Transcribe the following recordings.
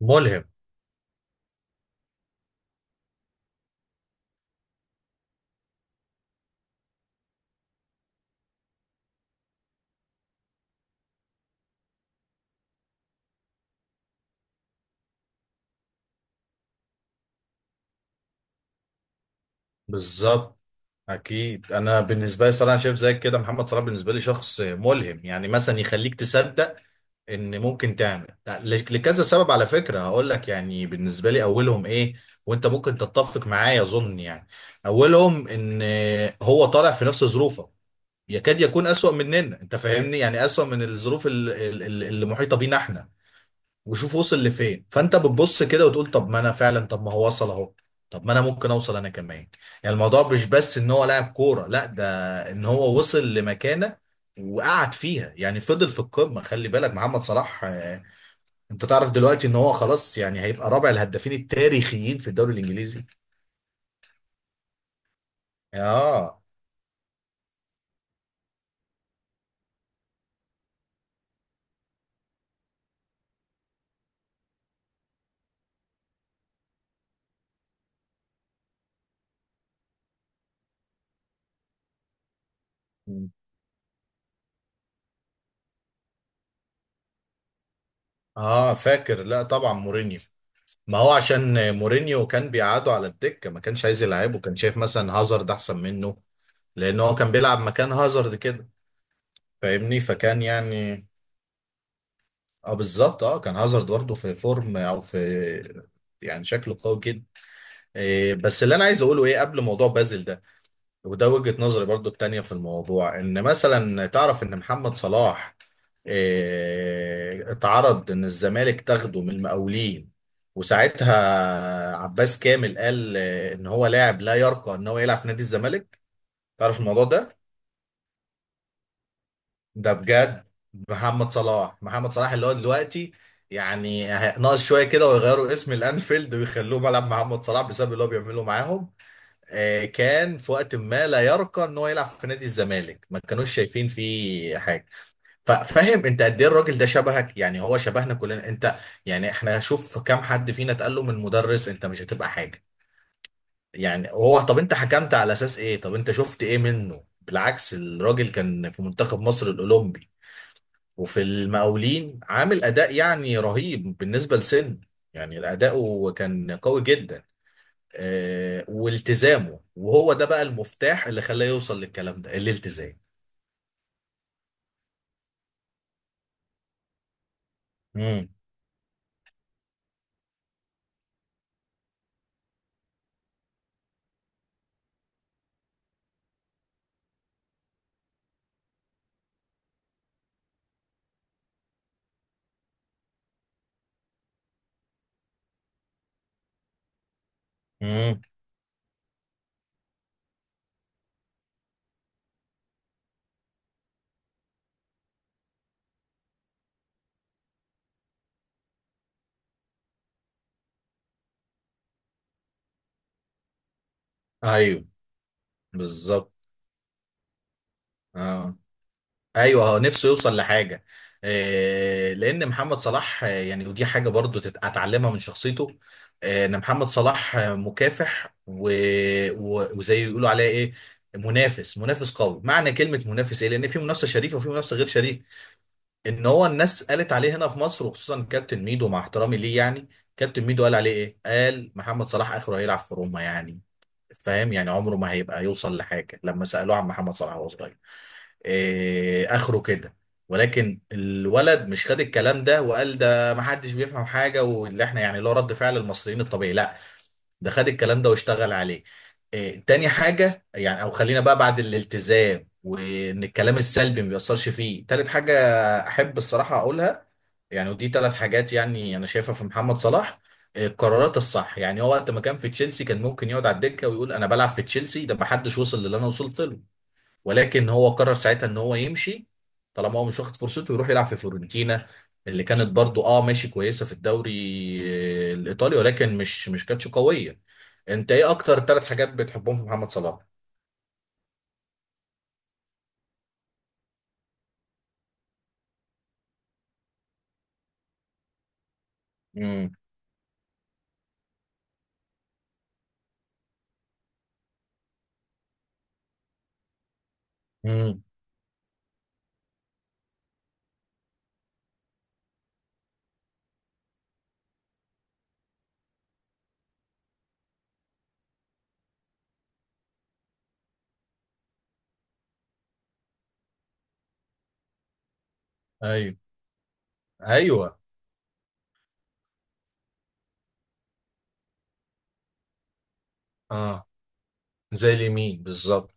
ملهم. بالظبط. اكيد انا بالنسبه لي صراحه شايف زيك كده، محمد صلاح بالنسبه لي شخص ملهم. يعني مثلا يخليك تصدق ان ممكن تعمل لكذا سبب. على فكره هقول لك يعني بالنسبه لي اولهم ايه، وانت ممكن تتفق معايا اظن يعني. اولهم ان هو طالع في نفس ظروفه، يكاد يكون اسوأ مننا. انت فاهمني، يعني اسوأ من الظروف اللي محيطه بينا احنا. وشوف وصل لفين. فانت بتبص كده وتقول طب ما انا فعلا، طب ما هو وصل اهو، طب ما انا ممكن اوصل انا كمان. يعني الموضوع مش بس ان هو لاعب كوره، لا، ده ان هو وصل لمكانه وقعد فيها، يعني فضل في القمه. خلي بالك محمد صلاح، انت تعرف دلوقتي ان هو خلاص يعني هيبقى رابع الهدافين التاريخيين في الدوري الانجليزي. اه، اه، فاكر. لا طبعا مورينيو. ما هو عشان مورينيو كان بيقعده على الدكة، ما كانش عايز يلعبه، كان شايف مثلا هازارد احسن منه. لان هو كان بيلعب مكان هازارد كده، فاهمني، فكان يعني. اه بالظبط، اه كان هازارد برضه في فورم او في، يعني شكله قوي جدا. إيه بس اللي انا عايز اقوله ايه قبل موضوع بازل ده، وده وجهة نظري برضو التانية في الموضوع، ان مثلا تعرف ان محمد صلاح اتعرض ان الزمالك تاخده من المقاولين، وساعتها عباس كامل قال ان هو لاعب لا يرقى ان هو يلعب في نادي الزمالك. تعرف الموضوع ده؟ ده بجد. محمد صلاح اللي هو دلوقتي يعني ناقص شوية كده ويغيروا اسم الانفيلد ويخلوه ملعب محمد صلاح، بسبب اللي هو بيعمله معاهم. كان في وقت ما لا يرقى ان هو يلعب في نادي الزمالك، ما كانوش شايفين فيه حاجه. فاهم انت قد ايه الراجل ده شبهك؟ يعني هو شبهنا كلنا. انت يعني احنا شوف كام حد فينا اتقال له من مدرس انت مش هتبقى حاجه. يعني هو، طب انت حكمت على اساس ايه، طب انت شفت ايه منه؟ بالعكس الراجل كان في منتخب مصر الاولمبي وفي المقاولين، عامل اداء يعني رهيب بالنسبه لسن. يعني اداؤه كان قوي جدا. والتزامه، وهو ده بقى المفتاح اللي خلاه يوصل للكلام ده، الالتزام. امم. امم. ايوه. بالظبط. اه، ايوه هو نفسه يوصل لحاجه. آه، لان محمد صلاح يعني ودي حاجه برضو اتعلمها من شخصيته. آه، ان محمد صلاح مكافح، وزي يقولوا عليه ايه، منافس. منافس قوي. معنى كلمه منافس ايه؟ لان في منافسه شريفه وفي منافسه غير شريفه. ان هو الناس قالت عليه هنا في مصر، وخصوصا كابتن ميدو، مع احترامي ليه يعني. كابتن ميدو قال عليه ايه؟ قال محمد صلاح اخره هيلعب في روما يعني، فاهم يعني عمره ما هيبقى يوصل لحاجه، لما سالوه عن محمد صلاح وهو صغير. إيه اخره كده. ولكن الولد مش خد الكلام ده وقال ده محدش بيفهم حاجه، واللي احنا يعني اللي هو رد فعل المصريين الطبيعي، لا، ده خد الكلام ده واشتغل عليه. إيه تاني حاجه، يعني او خلينا بقى بعد الالتزام وان الكلام السلبي ما بيأثرش فيه، تالت حاجه احب الصراحه اقولها، يعني ودي ثلاث حاجات يعني انا شايفها في محمد صلاح. إيه، القرارات الصح. يعني هو وقت ما كان في تشيلسي كان ممكن يقعد على الدكه ويقول انا بلعب في تشيلسي، ده ما حدش وصل للي انا وصلت له. ولكن هو قرر ساعتها ان هو يمشي، طالما هو مش واخد فرصته، يروح يلعب في فيورنتينا اللي كانت برضو اه ماشي كويسه في الدوري الايطالي، ولكن مش كانتش قويه. انت ايه اكتر ثلاث حاجات بتحبهم في محمد صلاح؟ امم. امم. ايوه. ايوه. اه. زي اليمين بالظبط.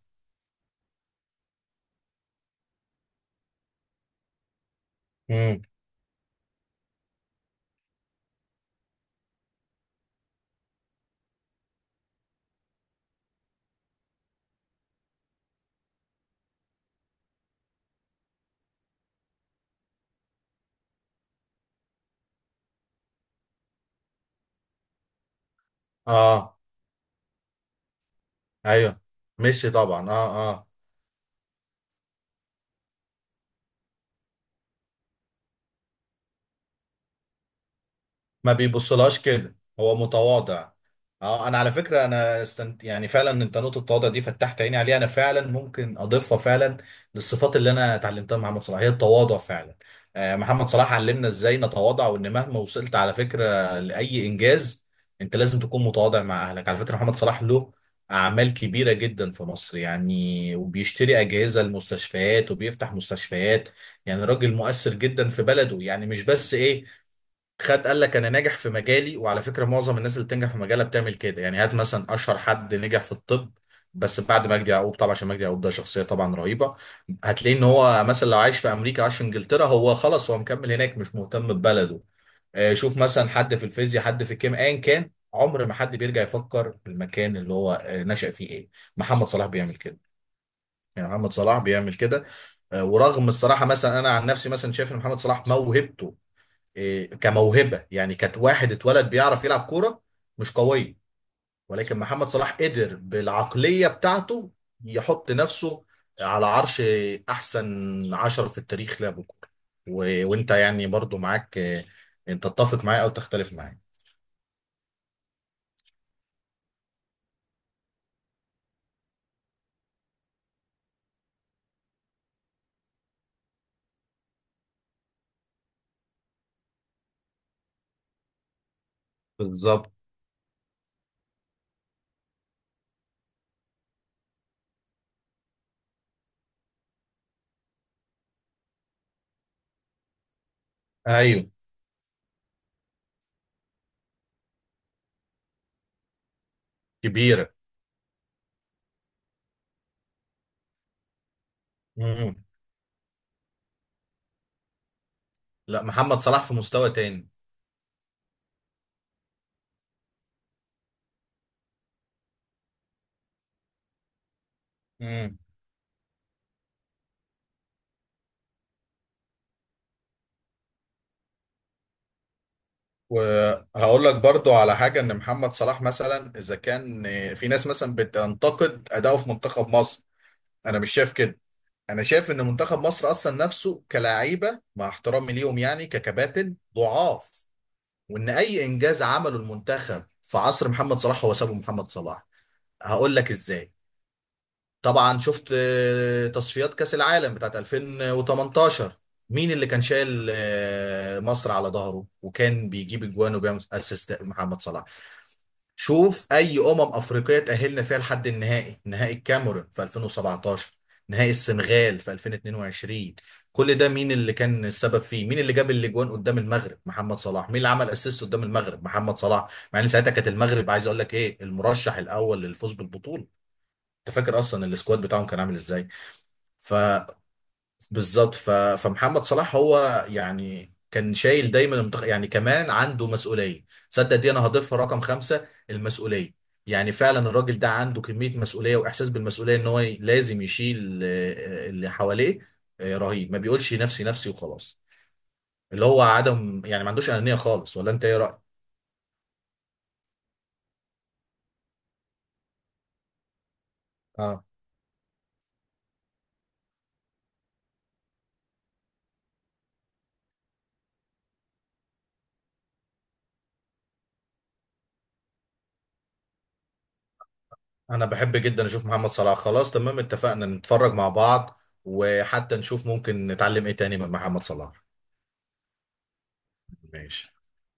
امم. اه. ايوه. ميسي طبعا، اه، اه. ما بيبصلهاش كده، هو متواضع. اه، انا على فكره انا استنت، يعني فعلا انت نقطه التواضع دي فتحت عيني عليها، انا فعلا ممكن اضيفها فعلا للصفات اللي انا اتعلمتها مع محمد صلاح، هي التواضع فعلا. محمد صلاح علمنا ازاي نتواضع، وان مهما وصلت على فكره لاي انجاز انت لازم تكون متواضع مع اهلك. على فكره محمد صلاح له اعمال كبيره جدا في مصر يعني، وبيشتري اجهزه المستشفيات وبيفتح مستشفيات، يعني راجل مؤثر جدا في بلده. يعني مش بس ايه، خد قال لك انا ناجح في مجالي، وعلى فكره معظم الناس اللي بتنجح في مجالها بتعمل كده. يعني هات مثلا اشهر حد نجح في الطب بس بعد مجدي يعقوب طبعا، عشان مجدي يعقوب ده شخصيه طبعا رهيبه، هتلاقي ان هو مثلا لو عايش في امريكا، عايش في انجلترا، هو خلاص هو مكمل هناك، مش مهتم ببلده. شوف مثلا حد في الفيزياء، حد في الكيمياء، ايا كان، عمر ما حد بيرجع يفكر في المكان اللي هو نشأ فيه ايه. محمد صلاح بيعمل كده، يعني محمد صلاح بيعمل كده. ورغم الصراحه مثلا انا عن نفسي مثلا شايف ان محمد صلاح موهبته، إيه، كموهبه يعني، كانت واحد اتولد بيعرف يلعب كوره، مش قويه. ولكن محمد صلاح قدر بالعقليه بتاعته يحط نفسه على عرش احسن عشر في التاريخ لعبوا كوره. وانت يعني برضو معاك إيه، انت تتفق معايا او تختلف معايا؟ بالظبط. ايوه. كبيره. مم. لا، محمد صلاح في مستوى تاني. مم. وهقول لك برضو على حاجة، ان محمد صلاح مثلا اذا كان في ناس مثلا بتنتقد اداؤه في منتخب مصر، انا مش شايف كده. انا شايف ان منتخب مصر اصلا نفسه كلاعيبه، مع احترامي ليهم يعني، ككباتن ضعاف، وان اي انجاز عمله المنتخب في عصر محمد صلاح هو سابه محمد صلاح. هقول لك ازاي. طبعا شفت تصفيات كاس العالم بتاعت 2018. مين اللي كان شايل مصر على ظهره وكان بيجيب اجوان وبيعمل اسيست؟ محمد صلاح. شوف اي افريقيه تاهلنا فيها لحد النهائي، نهائي الكاميرون في 2017، نهائي السنغال في 2022، كل ده مين اللي كان السبب فيه؟ مين اللي جاب الاجوان قدام المغرب؟ محمد صلاح. مين اللي عمل اسيست قدام المغرب؟ محمد صلاح. مع ان ساعتها كانت المغرب، عايز اقول لك ايه، المرشح الاول للفوز بالبطوله. انت فاكر اصلا السكواد بتاعهم كان عامل ازاي؟ ف بالظبط. فمحمد صلاح هو يعني كان شايل دايما المنتخب. يعني كمان عنده مسؤوليه، صدق دي انا هضيفها رقم خمسه، المسؤوليه. يعني فعلا الراجل ده عنده كميه مسؤوليه واحساس بالمسؤوليه ان هو لازم يشيل اللي حواليه. رهيب. ما بيقولش نفسي نفسي وخلاص، اللي هو عدم يعني ما عندوش انانيه خالص. ولا انت ايه رايك؟ اه، انا بحب جدا اشوف محمد صلاح. خلاص تمام، اتفقنا نتفرج مع بعض، وحتى نشوف ممكن نتعلم ايه تاني من محمد صلاح. ماشي.